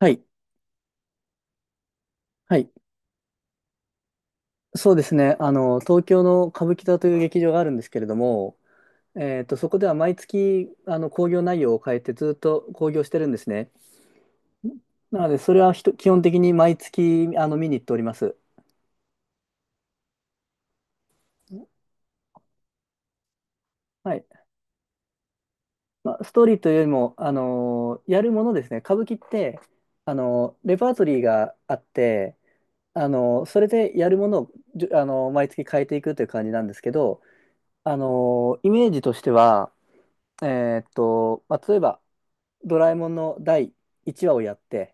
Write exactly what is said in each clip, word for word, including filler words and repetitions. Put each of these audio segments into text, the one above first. はい。はい。そうですね。あの、東京の歌舞伎座という劇場があるんですけれども、えっと、そこでは毎月、あの、興行内容を変えてずっと興行してるんですね。なので、それはひと基本的に毎月、あの、見に行っております。はい。まあ、ストーリーというよりも、あの、やるものですね。歌舞伎って、あの、レパートリーがあって、あの、それでやるものを、じゅあの、毎月変えていくという感じなんですけど、あの、イメージとしては、えーっと、まあ、例えば、ドラえもんのだいいちわをやって、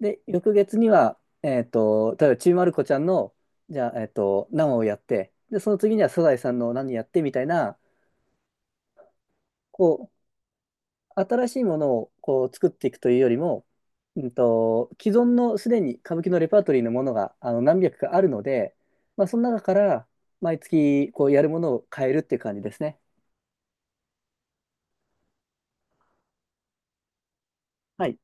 で、翌月には、えっと、例えば、ちびまる子ちゃんの、じゃあ、えっと、何話をやって、で、その次にはサザエさんの何やってみたいな、こう、新しいものをこう作っていくというよりも、うんと、既存のすでに歌舞伎のレパートリーのものがあの何百かあるので、まあ、その中から毎月こうやるものを変えるっていう感じですね。はい。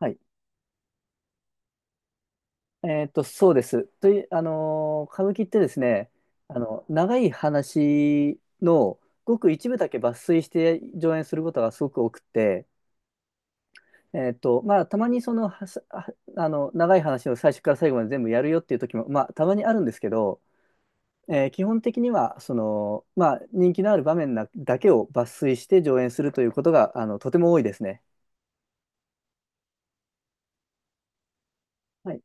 はいえーっと、そうです。という、あのー歌舞伎ってですね、あの、長い話のごく一部だけ抜粋して上演することがすごく多くて、えーっと、まあ、たまにその、はさはあの、長い話を最初から最後まで全部やるよっていう時も、まあ、たまにあるんですけど、えー基本的には、その、まあ、人気のある場面なだけを抜粋して上演するということが、あの、とても多いですね。はい。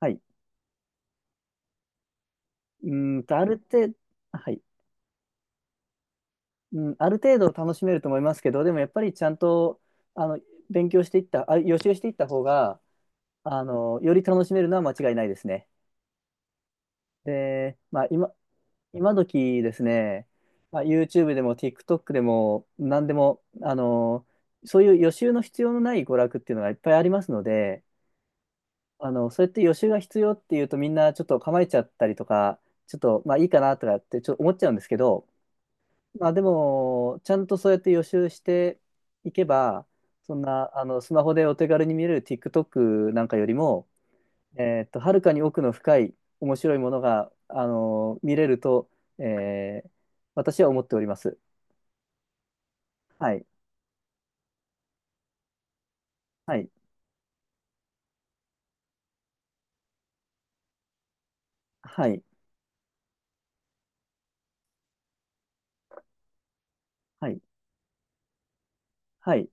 はい。うーんと、ある程度、はい。うん、ある程度楽しめると思いますけど、でもやっぱりちゃんとあの勉強していった、あ、予習していった方が、あの、より楽しめるのは間違いないですね。で、まあ今、今時ですね、まあ、YouTube でも TikTok でも何でも、あの、そういう予習の必要のない娯楽っていうのがいっぱいありますので、あの、そうやって予習が必要っていうとみんなちょっと構えちゃったりとか、ちょっとまあいいかなとかってちょっと思っちゃうんですけど、まあでも、ちゃんとそうやって予習していけば、そんな、あの、スマホでお手軽に見れる TikTok なんかよりも、えーっと、はるかに奥の深い面白いものが、あの、見れると、えー私は思っております。はい。はい。はい。はい。はい。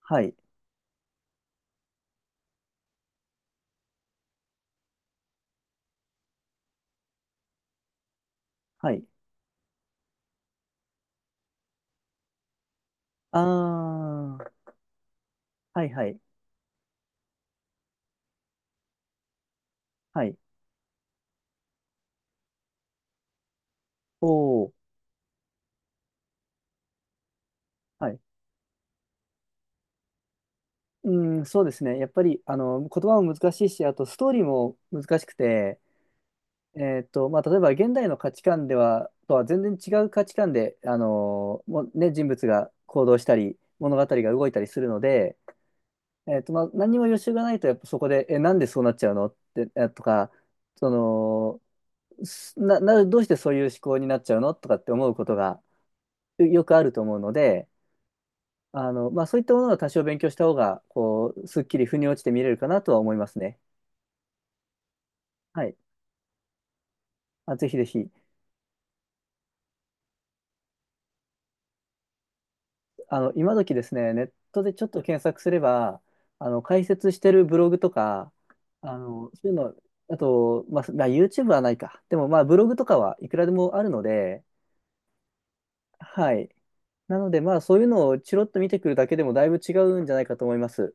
はい。はい。あー。はい。はい。はい。おー。はい。うん、そうですね。やっぱり、あの、言葉も難しいし、あと、ストーリーも難しくて、えーっと、まあ、例えば現代の価値観では、とは全然違う価値観で、あのーもうね、人物が行動したり、物語が動いたりするので、えーっと、まあ、何にも予習がないと、やっぱそこで、え、なんでそうなっちゃうのって、えとか、その、すな、な、どうしてそういう思考になっちゃうのとかって思うことがよよくあると思うので、あの、まあ、そういったものは多少勉強した方が、こう、すっきり腑に落ちて見れるかなとは思いますね。はい。あ、ぜひぜひ。あの、今時ですね、ネットでちょっと検索すれば、あの、解説してるブログとか、あの、そういうの、あと、まあ、まあ YouTube はないか。でも、まあ、ブログとかはいくらでもあるので、はい。なので、まあ、そういうのをチロッと見てくるだけでもだいぶ違うんじゃないかと思います。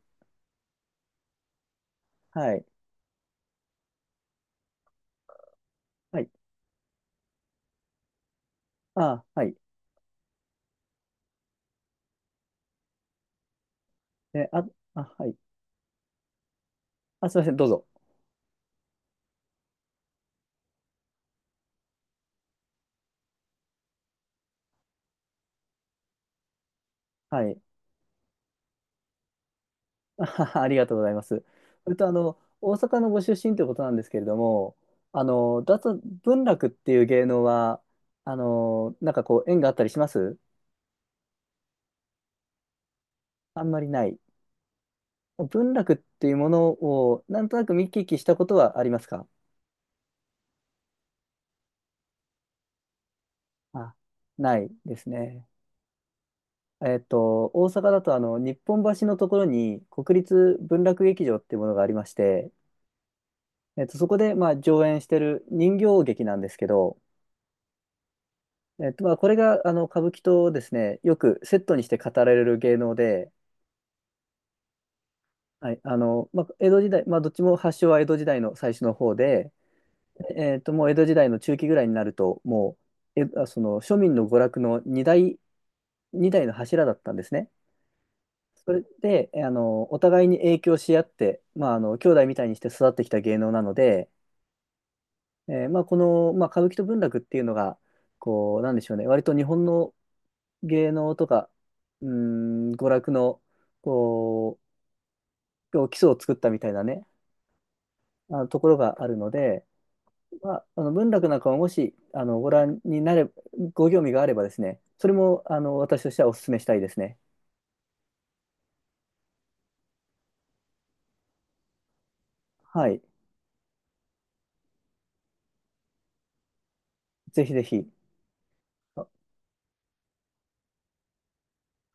はい。はい。あ、はい。え、あ、あ、はい。あ、すいません。どうぞ。はい。あははありがとうございます。それとあの大阪のご出身ということなんですけれども、あの脱文楽っていう芸能はあのなんかこう縁があったりします？あんまりない。文楽っていうものをなんとなく見聞きしたことはありますか？あ、ないですね。えっと大阪だとあの日本橋のところに国立文楽劇場っていうものがありまして、えっとそこでまあ上演してる人形劇なんですけど。えっと、まあ、これが、あの、歌舞伎とですね、よくセットにして語られる芸能で、はい、あの、まあ、江戸時代、まあ、どっちも発祥は江戸時代の最初の方で、えっと、もう江戸時代の中期ぐらいになると、もう、え、あその、庶民の娯楽の二大、二大の柱だったんですね。それで、えあの、お互いに影響し合って、まあ、あの、兄弟みたいにして育ってきた芸能なので、えーまあ、この、まあ、歌舞伎と文楽っていうのが、こう、なんでしょうね、割と日本の芸能とか、うーん、娯楽の、こう、基礎を作ったみたいなね、あのところがあるので、まあ、あの文楽なんかももし、あの、ご覧になれ、ご興味があればですね、それも、あの、私としてはお勧めしたいですね。はい。ぜひぜひ。あ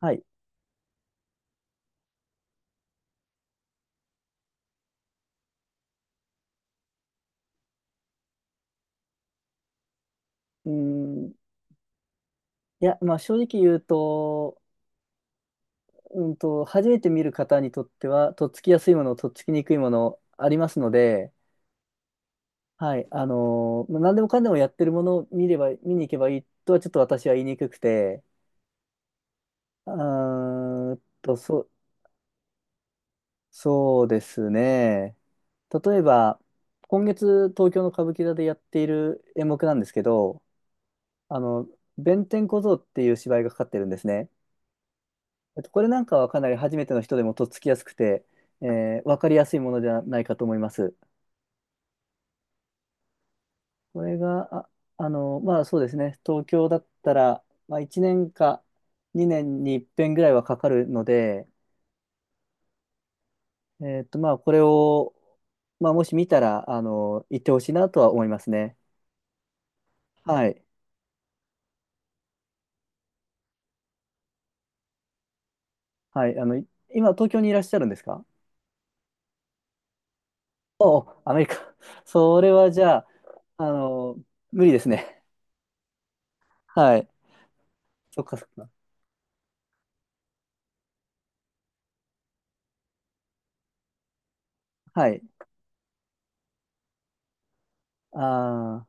はい。うーん。いや、まあ、正直言うと、うんと、初めて見る方にとっては、とっつきやすいもの、とっつきにくいもの、ありますので、はい、あのーまあ何でもかんでもやってるものを見れば、見に行けばいいとはちょっと私は言いにくくて、うーんと、そ、そうですね。例えば、今月東京の歌舞伎座でやっている演目なんですけど、あの、弁天小僧っていう芝居がかかってるんですね。えっとこれなんかはかなり初めての人でもとっつきやすくて、えーわかりやすいものじゃないかと思います。これが、あ、あの、まあそうですね、東京だったら、まあ、いちねんかにねんに一遍ぐらいはかかるので、えっと、まあこれを、まあ、もし見たら、あの、行ってほしいなとは思いますね。はい。はい。あの、い今、東京にいらっしゃるんですか？おお、アメリカ。それはじゃあ、あの、無理ですね。はい。そっかそっか。はい。ああ、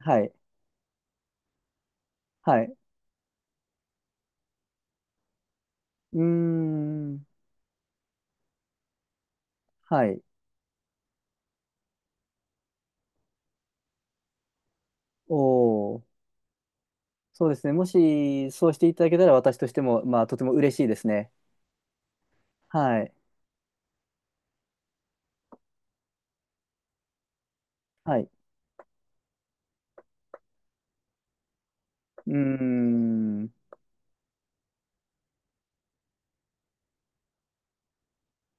はい。はい。うーん。はい。おお。そうですね。もし、そうしていただけたら、私としても、まあ、とても嬉しいですね。はい。はい。うーん。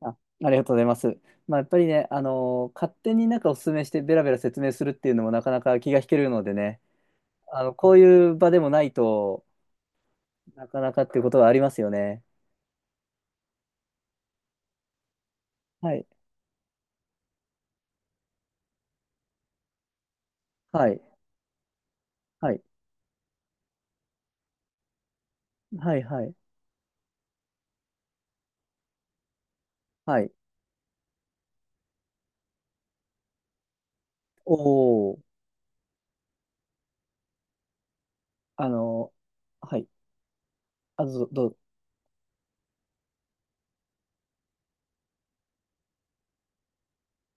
あ、ありがとうございます。まあ、やっぱりね、あの勝手になんかお勧めして、ベラベラ説明するっていうのもなかなか気が引けるのでね、あの、こういう場でもないとなかなかっていうことはありますよね。はい。はい。はい。はい。はい。はい。おお、あのはい。あ、どうぞ、どうぞ。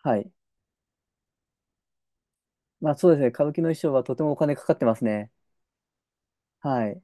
はい。まあ、そうですね。歌舞伎の衣装はとてもお金かかってますね。はい。